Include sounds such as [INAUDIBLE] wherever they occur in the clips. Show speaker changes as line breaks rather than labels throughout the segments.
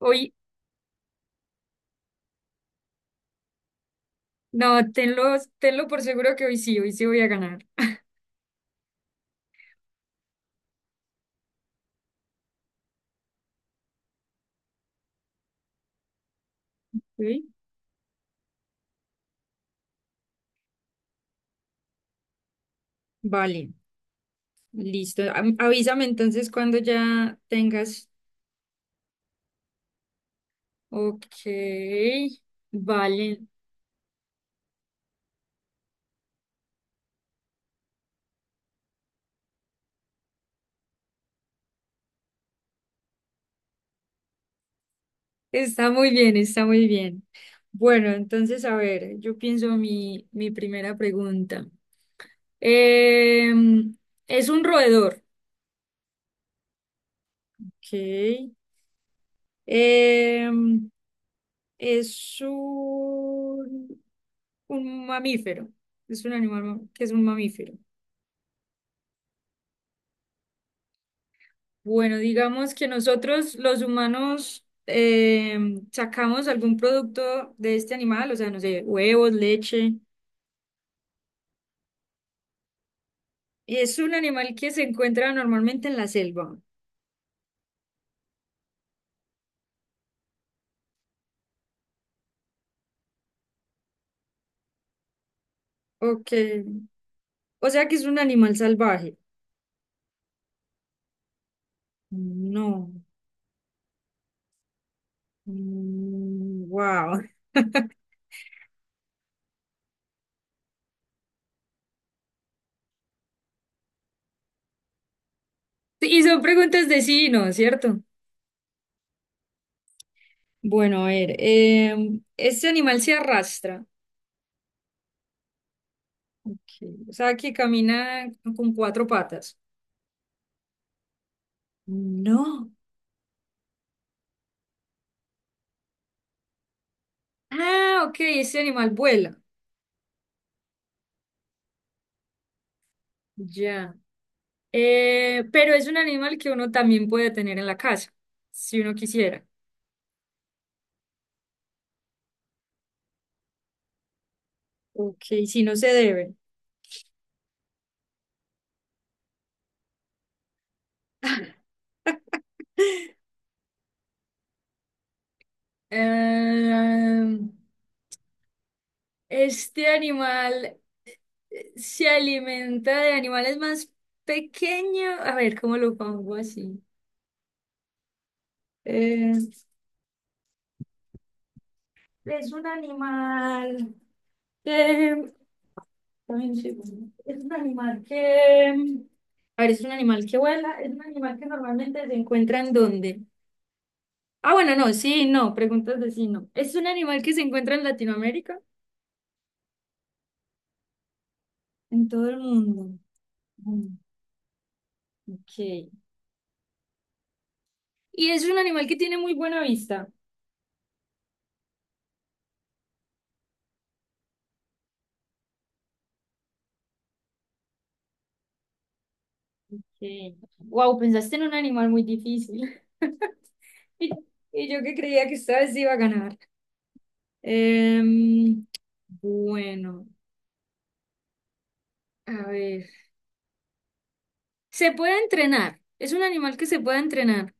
Hoy, no, tenlo por seguro que hoy sí voy a ganar. ¿Sí? Vale, listo. Avísame entonces cuando ya tengas. Ok, vale. Está muy bien, está muy bien. Bueno, entonces, a ver, yo pienso mi primera pregunta. Em, es un roedor. Ok. Em, es un mamífero, es un que es un mamífero. Bueno, digamos que nosotros los humanos sacamos algún producto de este animal, o sea, no sé, huevos, leche. Es un animal que se encuentra normalmente en la selva. Ok. O sea que es un animal salvaje. No. Wow. [LAUGHS] Y son preguntas de sí y no, ¿cierto? Bueno, a ver, este animal se arrastra, ok, o sea que camina con cuatro patas. No. Ah, ok, este animal vuela. Ya. Pero es un animal que uno también puede tener en la casa, si uno quisiera. Ok, si no se debe. [LAUGHS] Em, este animal se alimenta de animales más pequeños. A ver, ¿cómo lo pongo así? Eh, Es un animal que... Dame un segundo. Es un animal que... A ver, es un animal que vuela, es un animal que normalmente se encuentra en dónde. Ah, bueno, no, sí, no, preguntas de sí, no. Es un animal que se encuentra en Latinoamérica, en todo el mundo. Mm, ok. Y es un animal que tiene muy buena vista. Sí. Wow, pensaste en un animal muy difícil. [LAUGHS] Y, y yo que creía que esta vez iba a ganar. Em, bueno. A ver. Se puede entrenar. Es un animal que se puede entrenar.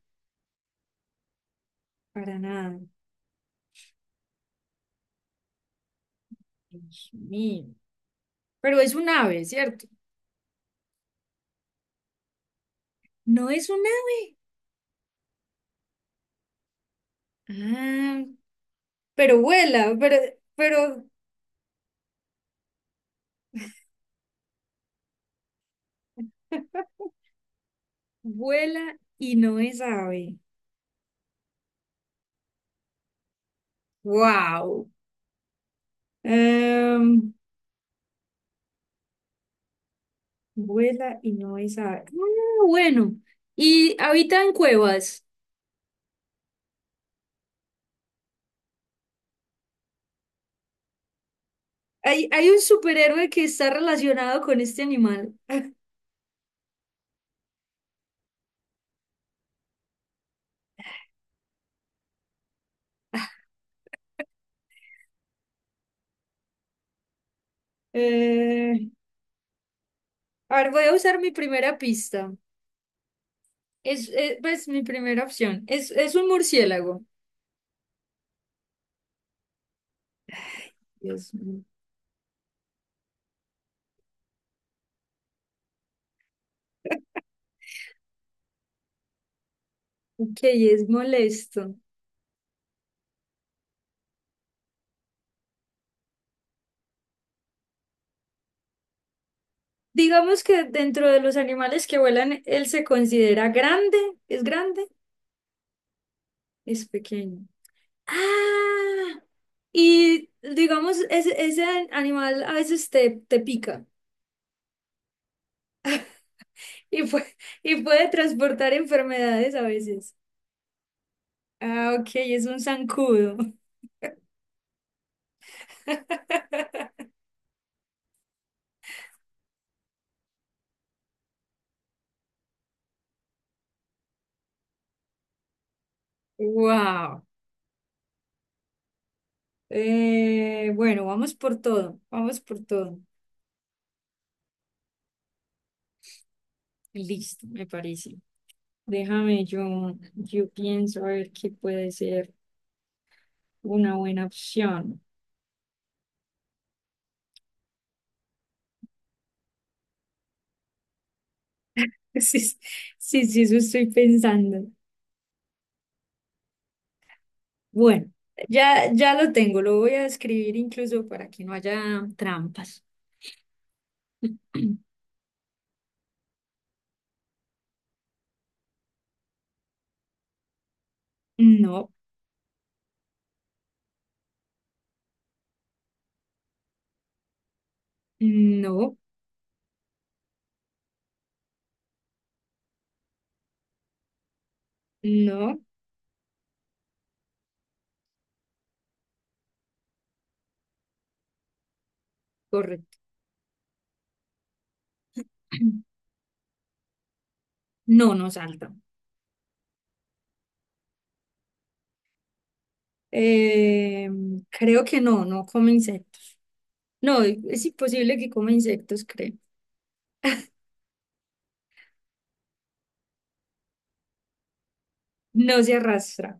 Para nada. Dios mío. Pero es un ave, ¿cierto? No es un ave. Ah, pero vuela, pero [LAUGHS] vuela y no es ave. Wow. Em, vuela y no es ave. Ah, bueno. Y habita en cuevas. Hay un superhéroe que está relacionado con este animal. Eh, a ver, voy a usar mi primera pista. Es, pues mi primera opción. Es un murciélago. Dios mío. Ok, es molesto. Digamos que dentro de los animales que vuelan, él se considera grande. ¿Es grande? Es pequeño. Ah, y digamos, ese animal a veces te pica y puede, [LAUGHS] y puede transportar enfermedades a veces. Ah, ok, es un zancudo. [LAUGHS] Wow. Eh, bueno, vamos por todo, vamos por todo. Listo, me parece. Déjame, yo pienso a ver qué puede ser una buena opción. [LAUGHS] Sí, sí, sí, eso estoy pensando. Bueno, ya, ya lo tengo, lo voy a escribir incluso para que no haya trampas. [CLEARS THROAT] No, no, no, correcto. [CLEARS THROAT] No, no salta. Eh, creo que no, no come insectos. No, es imposible que coma insectos, creo. No se arrastra.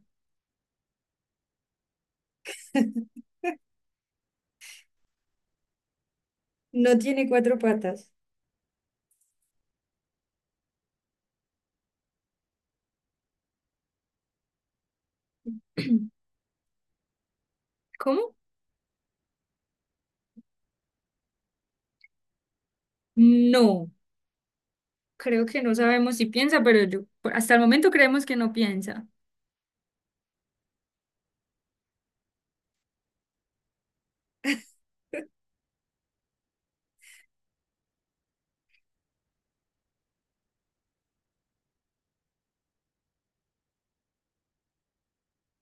No tiene cuatro patas. [CLEARS THROAT] ¿Cómo? No, creo que no sabemos si piensa, pero yo, hasta el momento creemos que no piensa.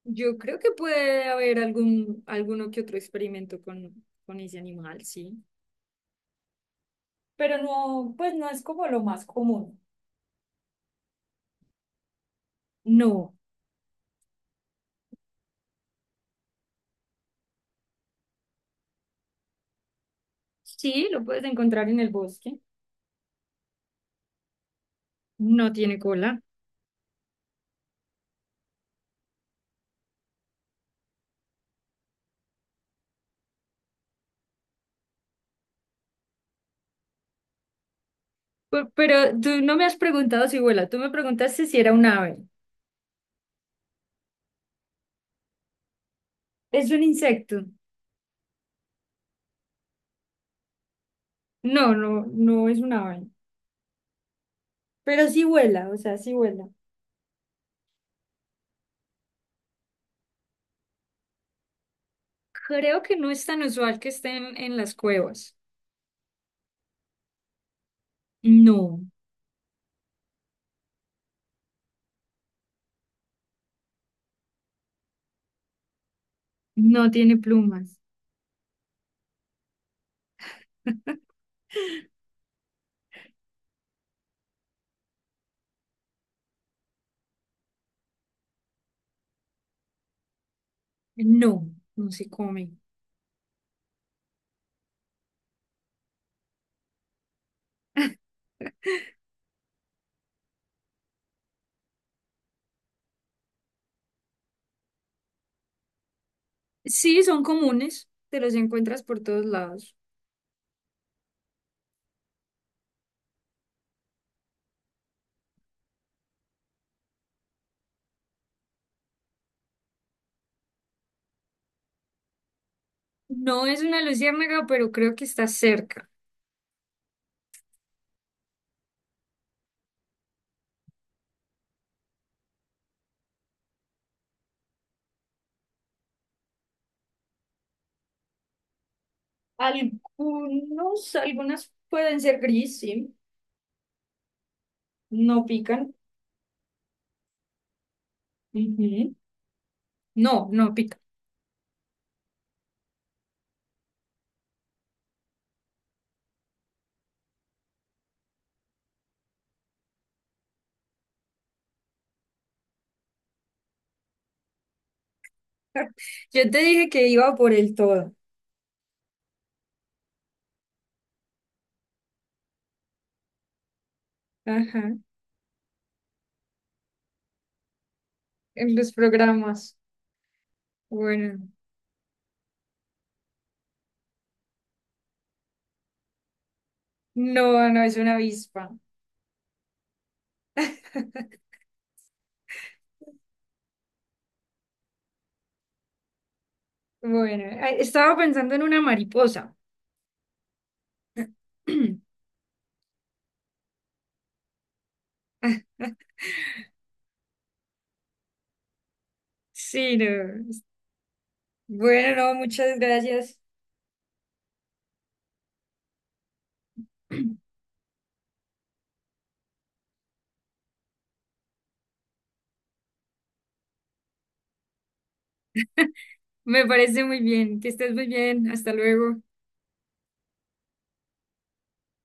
Yo creo que puede haber algún, alguno que otro experimento con ese animal, sí. Pero no, pues no es como lo más común. No, sí, lo puedes encontrar en el bosque. No tiene cola. Pero tú no me has preguntado si vuela, tú me preguntaste si era un ave. ¿Es un insecto? No es un ave. Pero sí vuela, o sea, sí vuela. Creo que no es tan usual que estén en las cuevas. No, no tiene plumas. No, no se comen. Sí, son comunes, te los encuentras por todos lados. No es una luciérnaga, pero creo que está cerca. Algunos, algunas pueden ser gris, sí, no pican. Ujú. No, no pican. Yo te dije que iba por el todo. Ajá, en los programas. Bueno, no, no es una avispa. [LAUGHS] Bueno, ay, estaba pensando en una mariposa. [CLEARS THROAT] Sí, no. Bueno, no, muchas gracias. [CLEARS THROAT] Me parece muy bien. Que estés muy bien. Hasta luego.